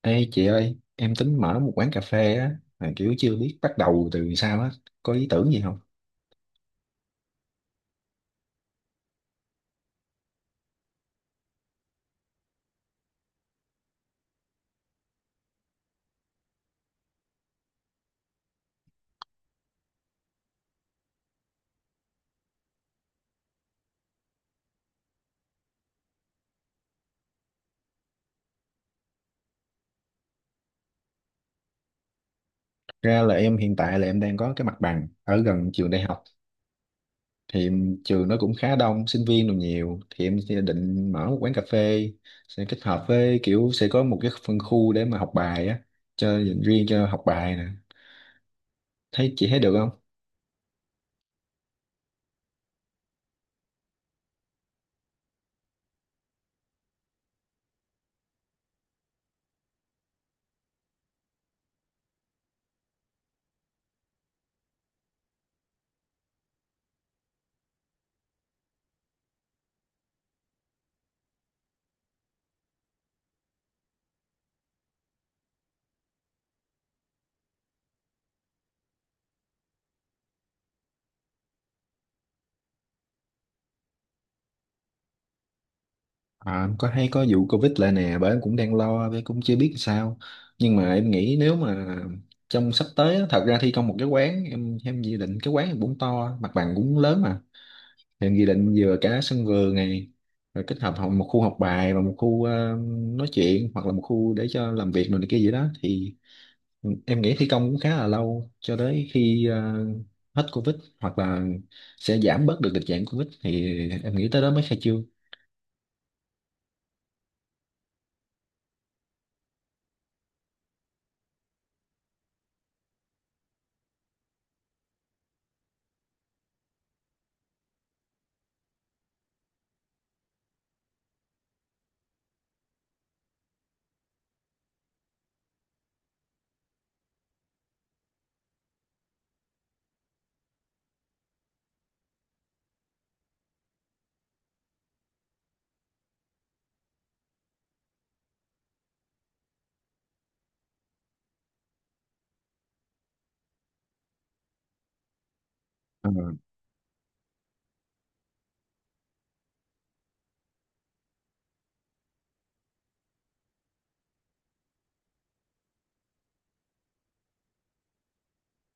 Ê chị ơi, em tính mở một quán cà phê á, mà kiểu chưa biết bắt đầu từ sao á, có ý tưởng gì không? Ra là em hiện tại là em đang có cái mặt bằng ở gần trường đại học, thì trường nó cũng khá đông, sinh viên đồ nhiều, thì em sẽ định mở một quán cà phê, sẽ kết hợp với kiểu sẽ có một cái phân khu để mà học bài á, cho dành riêng cho học bài nè. Thấy chị thấy được không? À, em có thấy có vụ Covid lại nè, bởi em cũng đang lo, bởi cũng chưa biết sao. Nhưng mà em nghĩ nếu mà trong sắp tới, á, thật ra thi công một cái quán, em dự định cái quán em cũng to, mặt bằng cũng lớn mà. Em dự định vừa cả sân vườn này, rồi một khu học bài và một khu nói chuyện hoặc là một khu để cho làm việc rồi này kia gì đó. Thì em nghĩ thi công cũng khá là lâu cho tới khi hết Covid hoặc là sẽ giảm bớt được tình trạng Covid thì em nghĩ tới đó mới khai trương.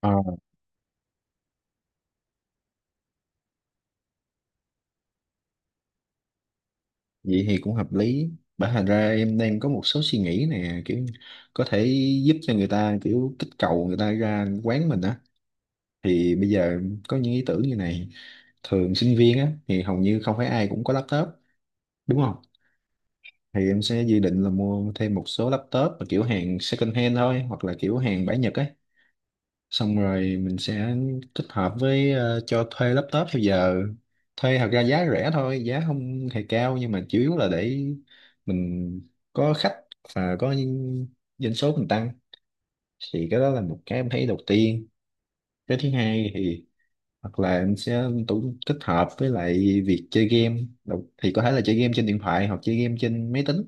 Ờ. Vậy thì cũng hợp lý. Bởi thành ra em đang có một số suy nghĩ nè, kiểu có thể giúp cho người ta kiểu kích cầu người ta ra quán mình á. Thì bây giờ có những ý tưởng như này. Thường sinh viên á thì hầu như không phải ai cũng có laptop, đúng không? Thì em sẽ dự định là mua thêm một số laptop mà kiểu hàng second hand thôi hoặc là kiểu hàng bãi Nhật ấy, xong rồi mình sẽ tích hợp với cho thuê laptop theo giờ, thuê thật ra giá rẻ thôi, giá không hề cao, nhưng mà chủ yếu là để mình có khách và có những doanh số mình tăng. Thì cái đó là một cái em thấy đầu tiên. Cái thứ hai thì hoặc là em sẽ tủ kết hợp với lại việc chơi game. Thì có thể là chơi game trên điện thoại hoặc chơi game trên máy tính,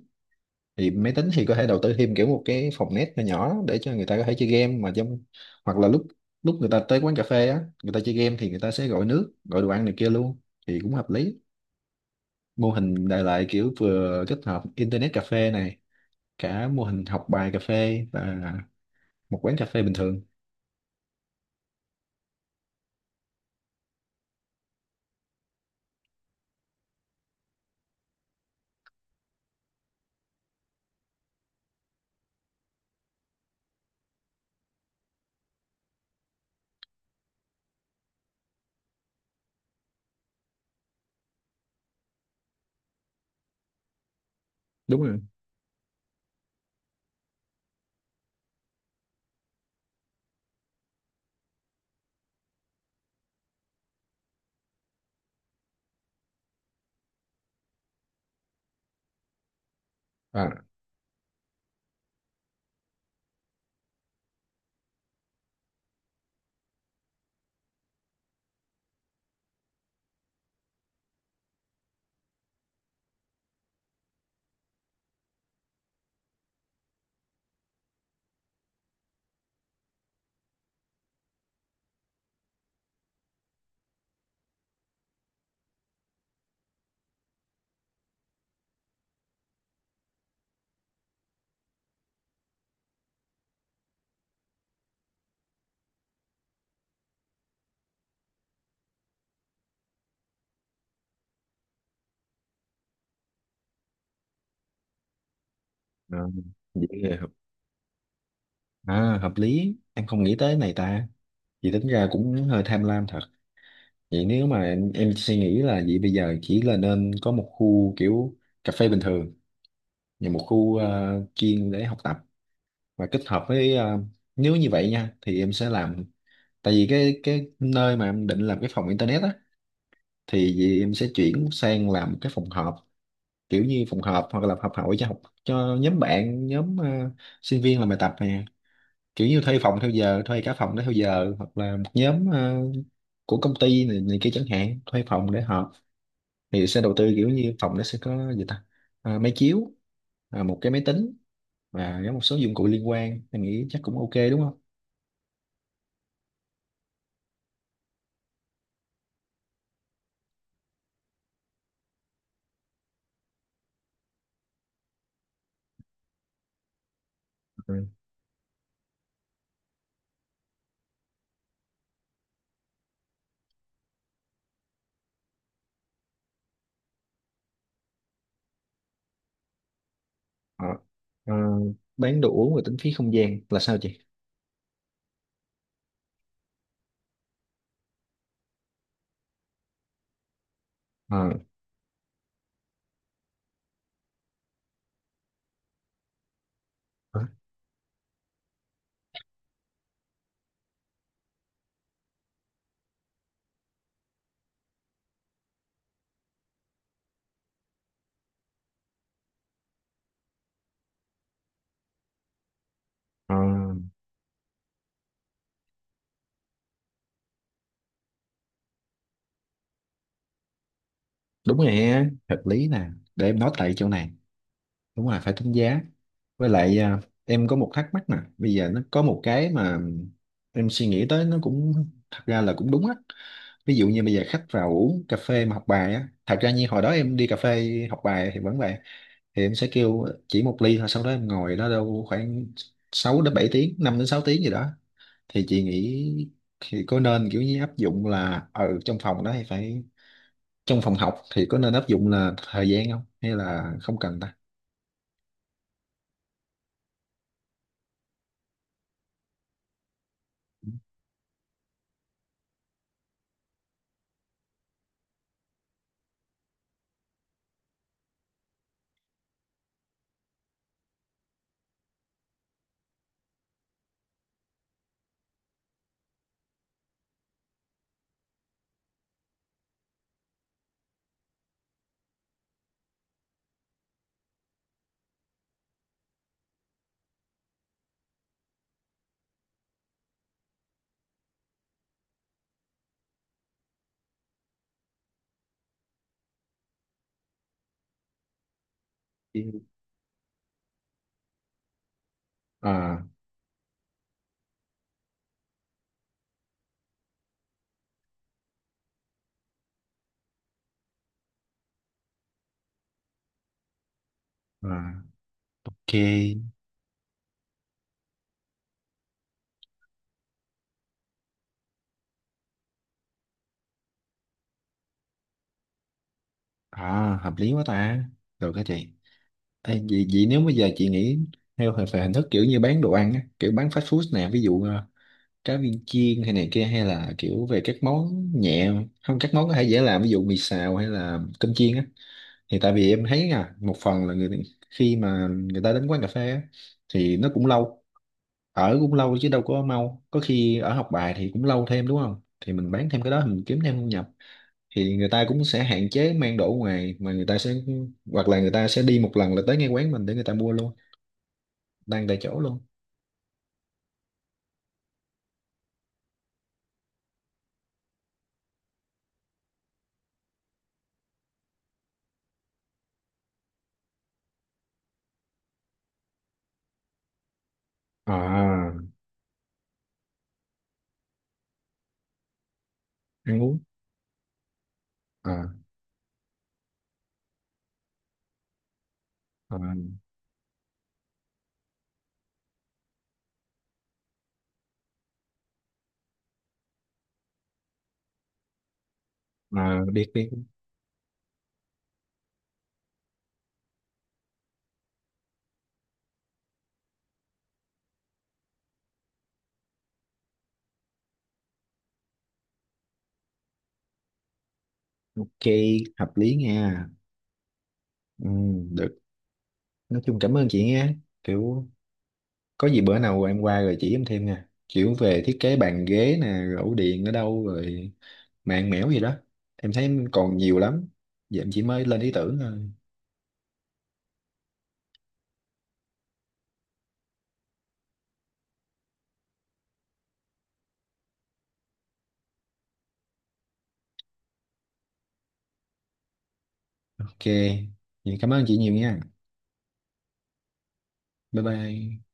thì máy tính thì có thể đầu tư thêm kiểu một cái phòng net nhỏ nhỏ để cho người ta có thể chơi game mà trong, hoặc là lúc lúc người ta tới quán cà phê á, người ta chơi game thì người ta sẽ gọi nước gọi đồ ăn này kia luôn. Thì cũng hợp lý, mô hình đại loại kiểu vừa kết hợp internet cà phê này, cả mô hình học bài cà phê và một quán cà phê bình thường. Đúng rồi. À, à, vậy là hợp, à, hợp lý, em không nghĩ tới này ta, vậy tính ra cũng hơi tham lam thật. Vậy nếu mà em suy nghĩ là vậy, bây giờ chỉ là nên có một khu kiểu cà phê bình thường và một khu chuyên để học tập, và kết hợp với nếu như vậy nha thì em sẽ làm. Tại vì cái nơi mà em định làm cái phòng internet á thì vì em sẽ chuyển sang làm cái phòng họp, kiểu như phòng họp hoặc là họp hội cho học cho nhóm bạn nhóm sinh viên làm bài tập nè, kiểu như thuê phòng theo giờ, thuê cả phòng đó theo giờ, hoặc là một nhóm của công ty này, này kia chẳng hạn, thuê phòng để họp. Thì sẽ đầu tư kiểu như phòng nó sẽ có gì ta, à, máy chiếu, à, một cái máy tính, và có một số dụng cụ liên quan, em nghĩ chắc cũng ok đúng không? Ừ. Ờ. Ờ, bán đồ uống và tính phí không gian là sao chị? Ờ. Hả? Ờ, đúng rồi ha, hợp lý nè, để em nói tại chỗ này, đúng rồi phải tính giá. Với lại à, em có một thắc mắc nè, bây giờ nó có một cái mà em suy nghĩ tới nó cũng, thật ra là cũng đúng á. Ví dụ như bây giờ khách vào uống cà phê mà học bài á, thật ra như hồi đó em đi cà phê học bài thì vẫn vậy, thì em sẽ kêu chỉ một ly thôi sau đó em ngồi đó đâu khoảng 6 đến 7 tiếng, 5 đến 6 tiếng gì đó, thì chị nghĩ thì có nên kiểu như áp dụng là ở trong phòng đó thì phải, trong phòng học thì có nên áp dụng là thời gian không hay là không cần ta? Ừ. À, à, ok, à, hợp lý quá ta, được hả chị? Ê, vậy, vậy nếu bây giờ chị nghĩ theo về hình thức kiểu như bán đồ ăn á, kiểu bán fast food nè, ví dụ cá viên chiên hay này kia, hay là kiểu về các món nhẹ, không các món có thể dễ làm ví dụ mì xào hay là cơm chiên á, thì tại vì em thấy à một phần là người khi mà người ta đến quán cà phê á, thì nó cũng lâu, ở cũng lâu chứ đâu có mau, có khi ở học bài thì cũng lâu thêm đúng không, thì mình bán thêm cái đó mình kiếm thêm thu nhập, thì người ta cũng sẽ hạn chế mang đồ ở ngoài mà người ta sẽ, hoặc là người ta sẽ đi một lần là tới ngay quán mình để người ta mua luôn, đang tại chỗ luôn. À, ăn uống. À, à, à biết biết. Ok, hợp lý nha. Ừ, được. Nói chung cảm ơn chị nha, kiểu có gì bữa nào em qua rồi chỉ em thêm nha, kiểu về thiết kế bàn ghế nè, rồi ổ điện ở đâu rồi mạng mẽo gì đó, em thấy em còn nhiều lắm, giờ em chỉ mới lên ý tưởng thôi. Ok, vậy cảm ơn chị nhiều nha. Bye bye.